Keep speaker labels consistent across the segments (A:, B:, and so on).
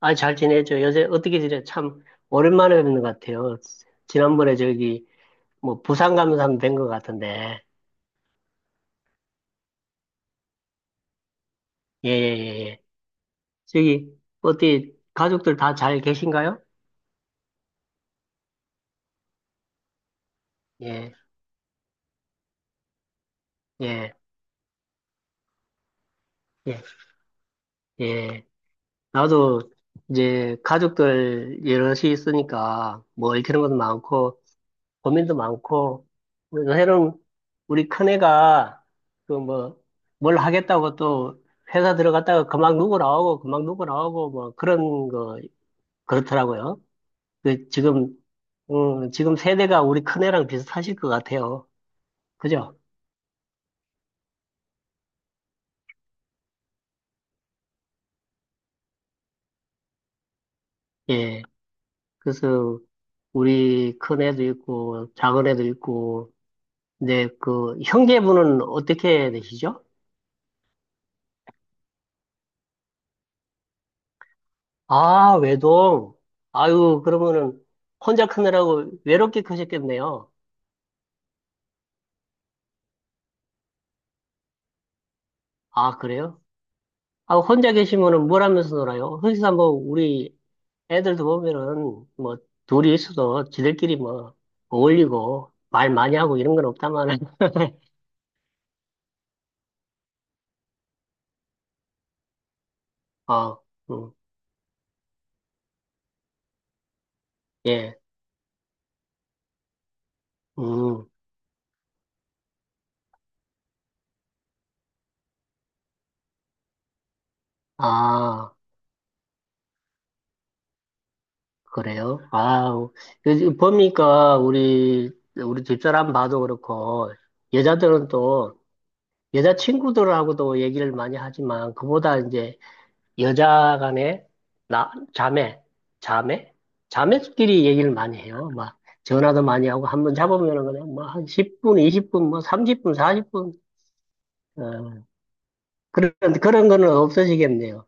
A: 아, 잘 지내죠. 요새 어떻게 지내? 참, 오랜만에 뵙는 것 같아요. 지난번에 저기, 뭐, 부산 가면서 한번 뵌것 같은데. 예, 예, 예, 예. 저기, 어디, 가족들 다 잘 계신가요? 예, 예, 예, 예. 나도 이제 가족들 여럿이 있으니까, 뭐, 읽히는 것도 많고, 고민도 많고, 그래서 새로운 우리 큰애가 그 뭐, 뭘 하겠다고 또 회사 들어갔다가 그만 누구 나오고 그만 누구 나오고 뭐 그런 거 그렇더라고요. 그 지금 세대가 우리 큰애랑 비슷하실 것 같아요. 그죠? 예. 그래서 우리 큰애도 있고 작은애도 있고, 근데 그 형제분은 어떻게 되시죠? 아, 외동. 아유, 그러면은 혼자 크느라고 외롭게 크셨겠네요. 아, 그래요? 아, 혼자 계시면은 뭘 하면서 놀아요? 흔히서 뭐 우리 애들도 보면은 뭐 둘이 있어도 지들끼리 뭐 어울리고 말 많이 하고 이런 건 없다마는 아, 음, 예, 음, 아, 그래요? 아, 보니까 우리 집사람 봐도 그렇고 여자들은 또 여자친구들하고도 얘기를 많이 하지만 그보다 이제 여자 간에 나 자매 자매끼리 얘기를 많이 해요. 막 전화도 많이 하고 한번 잡으면은 그냥 뭐한 10분, 20분, 뭐 30분, 40분 어, 그런 그런 거는 없어지겠네요.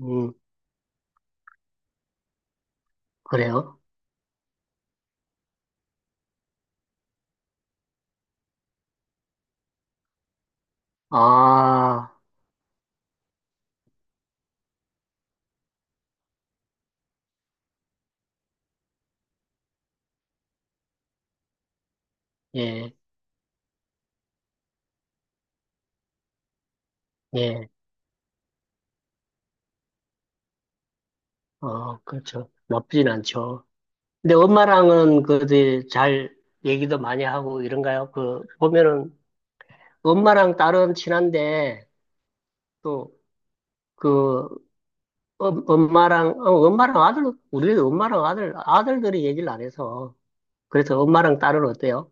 A: 음 그래요? 아 예, 예, 어 그렇죠. 나쁘진 않죠. 근데 엄마랑은 그잘 얘기도 많이 하고 이런가요? 그 보면은 엄마랑 딸은 친한데, 또, 그, 엄마랑, 우리 엄마랑 아들, 아들들이 얘기를 안 해서. 그래서 엄마랑 딸은 어때요?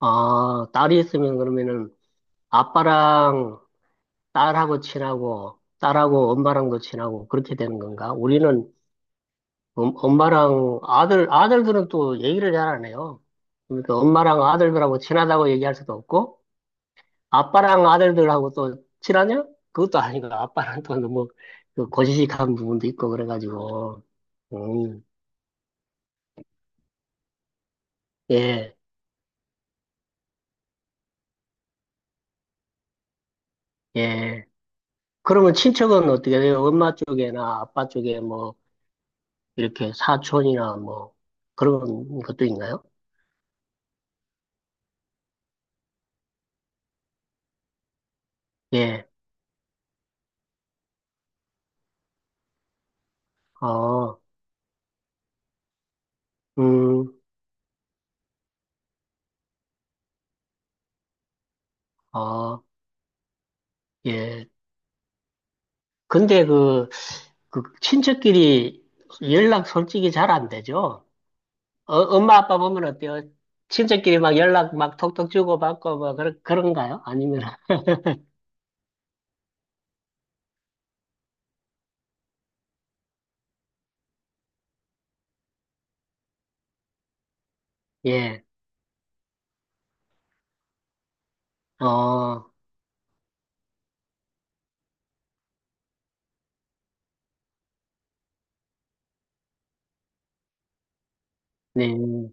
A: 아, 딸이 있으면 그러면은 아빠랑 딸하고 친하고, 딸하고 엄마랑도 친하고, 그렇게 되는 건가? 우리는 엄마랑 아들들은 또 얘기를 잘 안 해요. 그러니까 엄마랑 아들들하고 친하다고 얘기할 수도 없고, 아빠랑 아들들하고 또 친하냐? 그것도 아니고 아빠랑 또 너무 그 고지식한 부분도 있고 그래가지고 음, 예, 예. 그러면 친척은 어떻게 돼요? 엄마 쪽에나 아빠 쪽에 뭐 이렇게 사촌이나 뭐 그런 것도 있나요? 예, 어, 음, 어, 예. 근데 그 친척끼리 연락 솔직히 잘 안 되죠? 어, 엄마 아빠 보면 어때요? 친척끼리 막 연락 막 톡톡 주고받고 뭐 그런 그런가요? 아니면 예. 어, 네.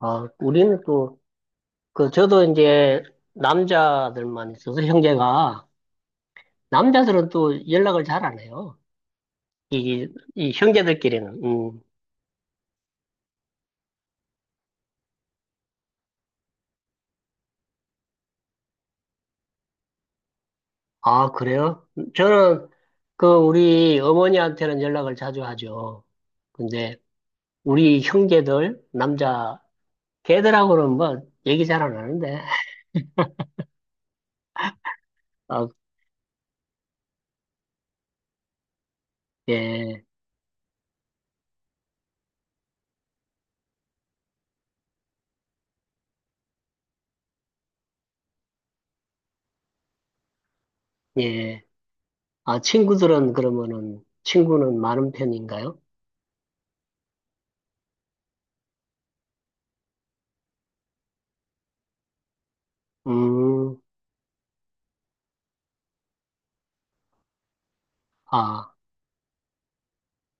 A: 어, 우리는 또 그 저도 이제 남자들만 있어서 형제가 남자들은 또 연락을 잘 안 해요. 이, 이 형제들끼리는. 음. 아, 그래요? 저는 그 우리 어머니한테는 연락을 자주 하죠. 근데 우리 형제들 남자 걔들하고는 뭐 얘기 잘 안 하는데. 아, 예, 예. 아, 친구들은 그러면은, 친구는 많은 편인가요? 음, 아,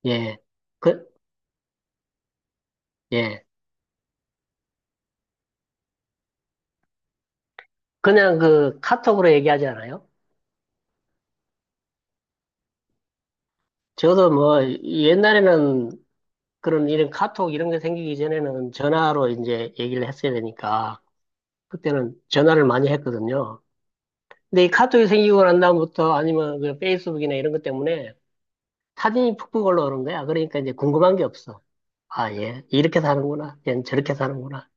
A: 예. 그, 예. 그냥 그 카톡으로 얘기하지 않아요? 저도 뭐, 옛날에는 그런 이런 카톡 이런 게 생기기 전에는 전화로 이제 얘기를 했어야 되니까, 그때는 전화를 많이 했거든요. 근데 이 카톡이 생기고 난 다음부터 아니면 그 페이스북이나 이런 것 때문에 사진이 푹푹 올라오는 거야. 그러니까 이제 궁금한 게 없어. 아, 예. 이렇게 사는구나. 얜 저렇게 사는구나.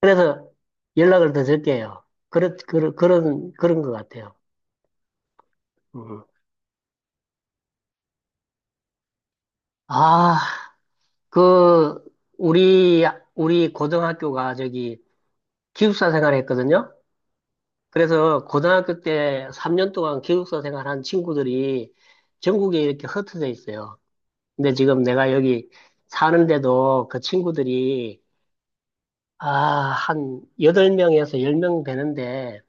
A: 그래서 연락을 더 적게 해요. 그런 것 같아요. 음. 아, 그, 우리, 우리 고등학교가 저기 기숙사 생활 했거든요. 그래서 고등학교 때 3년 동안 기숙사 생활한 친구들이 전국에 이렇게 흩어져 있어요. 근데 지금 내가 여기 사는데도 그 친구들이, 아, 한 8명에서 10명 되는데,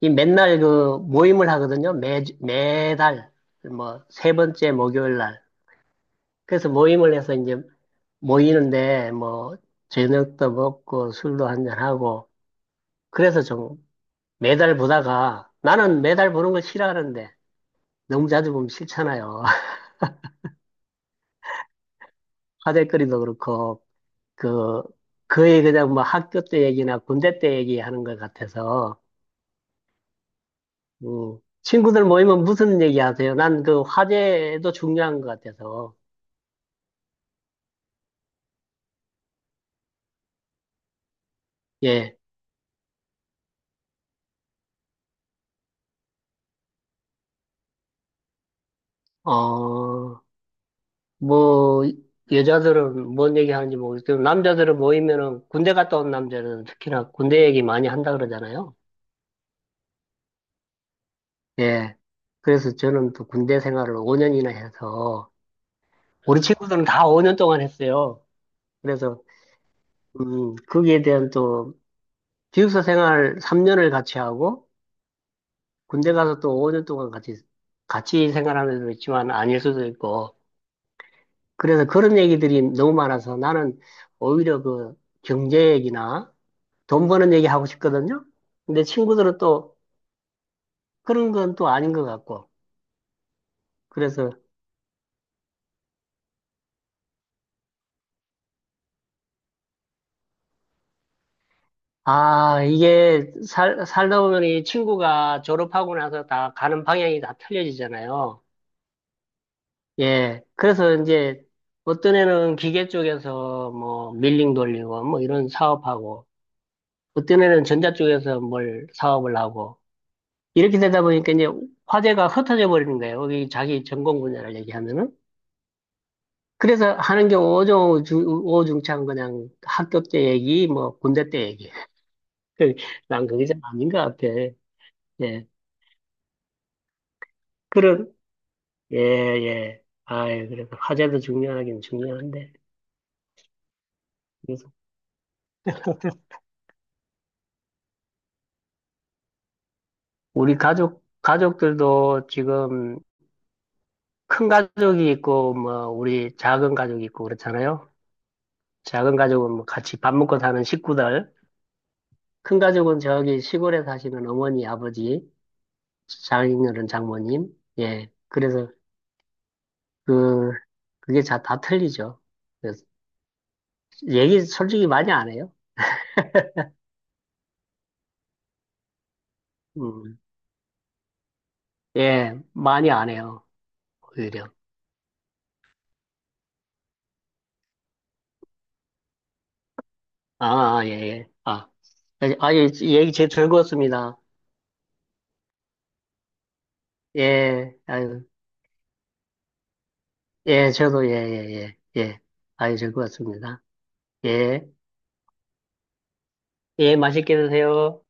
A: 이 맨날 그 모임을 하거든요. 매달, 뭐, 세 번째 목요일 날. 그래서 모임을 해서 이제 모이는데, 뭐, 저녁도 먹고 술도 한잔하고. 그래서 좀 매달 보다가 나는 매달 보는 걸 싫어하는데 너무 자주 보면 싫잖아요. 화제거리도 그렇고, 그, 거의 그냥 뭐 학교 때 얘기나 군대 때 얘기하는 것 같아서. 음. 친구들 모이면 무슨 얘기 하세요? 난 그 화제도 중요한 것 같아서. 예. 어, 뭐, 여자들은 뭔 얘기 하는지 모르겠지만, 남자들은 모이면은 군대 갔다 온 남자들은 특히나 군대 얘기 많이 한다 그러잖아요. 예. 그래서 저는 또 군대 생활을 5년이나 해서, 우리 친구들은 다 5년 동안 했어요. 그래서, 거기에 대한 또, 기숙사 생활 3년을 같이 하고, 군대 가서 또 5년 동안 같이, 같이 생활하는 애도 있지만 아닐 수도 있고, 그래서 그런 얘기들이 너무 많아서 나는 오히려 그 경제 얘기나, 돈 버는 얘기 하고 싶거든요. 근데 친구들은 또 그런 건 또 아닌 것 같고. 그래서, 아, 이게 살다 보면 이 친구가 졸업하고 나서 다 가는 방향이 다 틀려지잖아요. 예. 그래서 이제 어떤 애는 기계 쪽에서 뭐 밀링 돌리고 뭐 이런 사업하고 어떤 애는 전자 쪽에서 뭘 사업을 하고 이렇게 되다 보니까 이제 화제가 흩어져 버리는 거예요. 여기 자기 전공 분야를 얘기하면은. 그래서 하는 게 오중창 그냥 학교 때 얘기, 뭐 군대 때 얘기. 난 그게 좀 아닌 것 같아. 예. 그런, 예, 예. 아이, 그래도 화제도 중요하긴 중요한데. 그래서 우리 가족들도 지금 큰 가족이 있고, 뭐, 우리 작은 가족이 있고 그렇잖아요. 작은 가족은 뭐 같이 밥 먹고 사는 식구들. 큰 가족은 저기 시골에 사시는 어머니, 아버지, 장인어른, 장모님. 예. 그래서 그 그게 자, 다 틀리죠. 그래서 얘기 솔직히 많이 안 해요. 음, 예, 많이 안 해요. 오히려. 아, 아, 예, 예. 아, 예, 아, 예, 얘기 제일 즐거웠습니다. 예, 아유, 예, 저도 예, 예, 예, 예. 아유, 즐거웠습니다. 예, 예, 맛있게 드세요.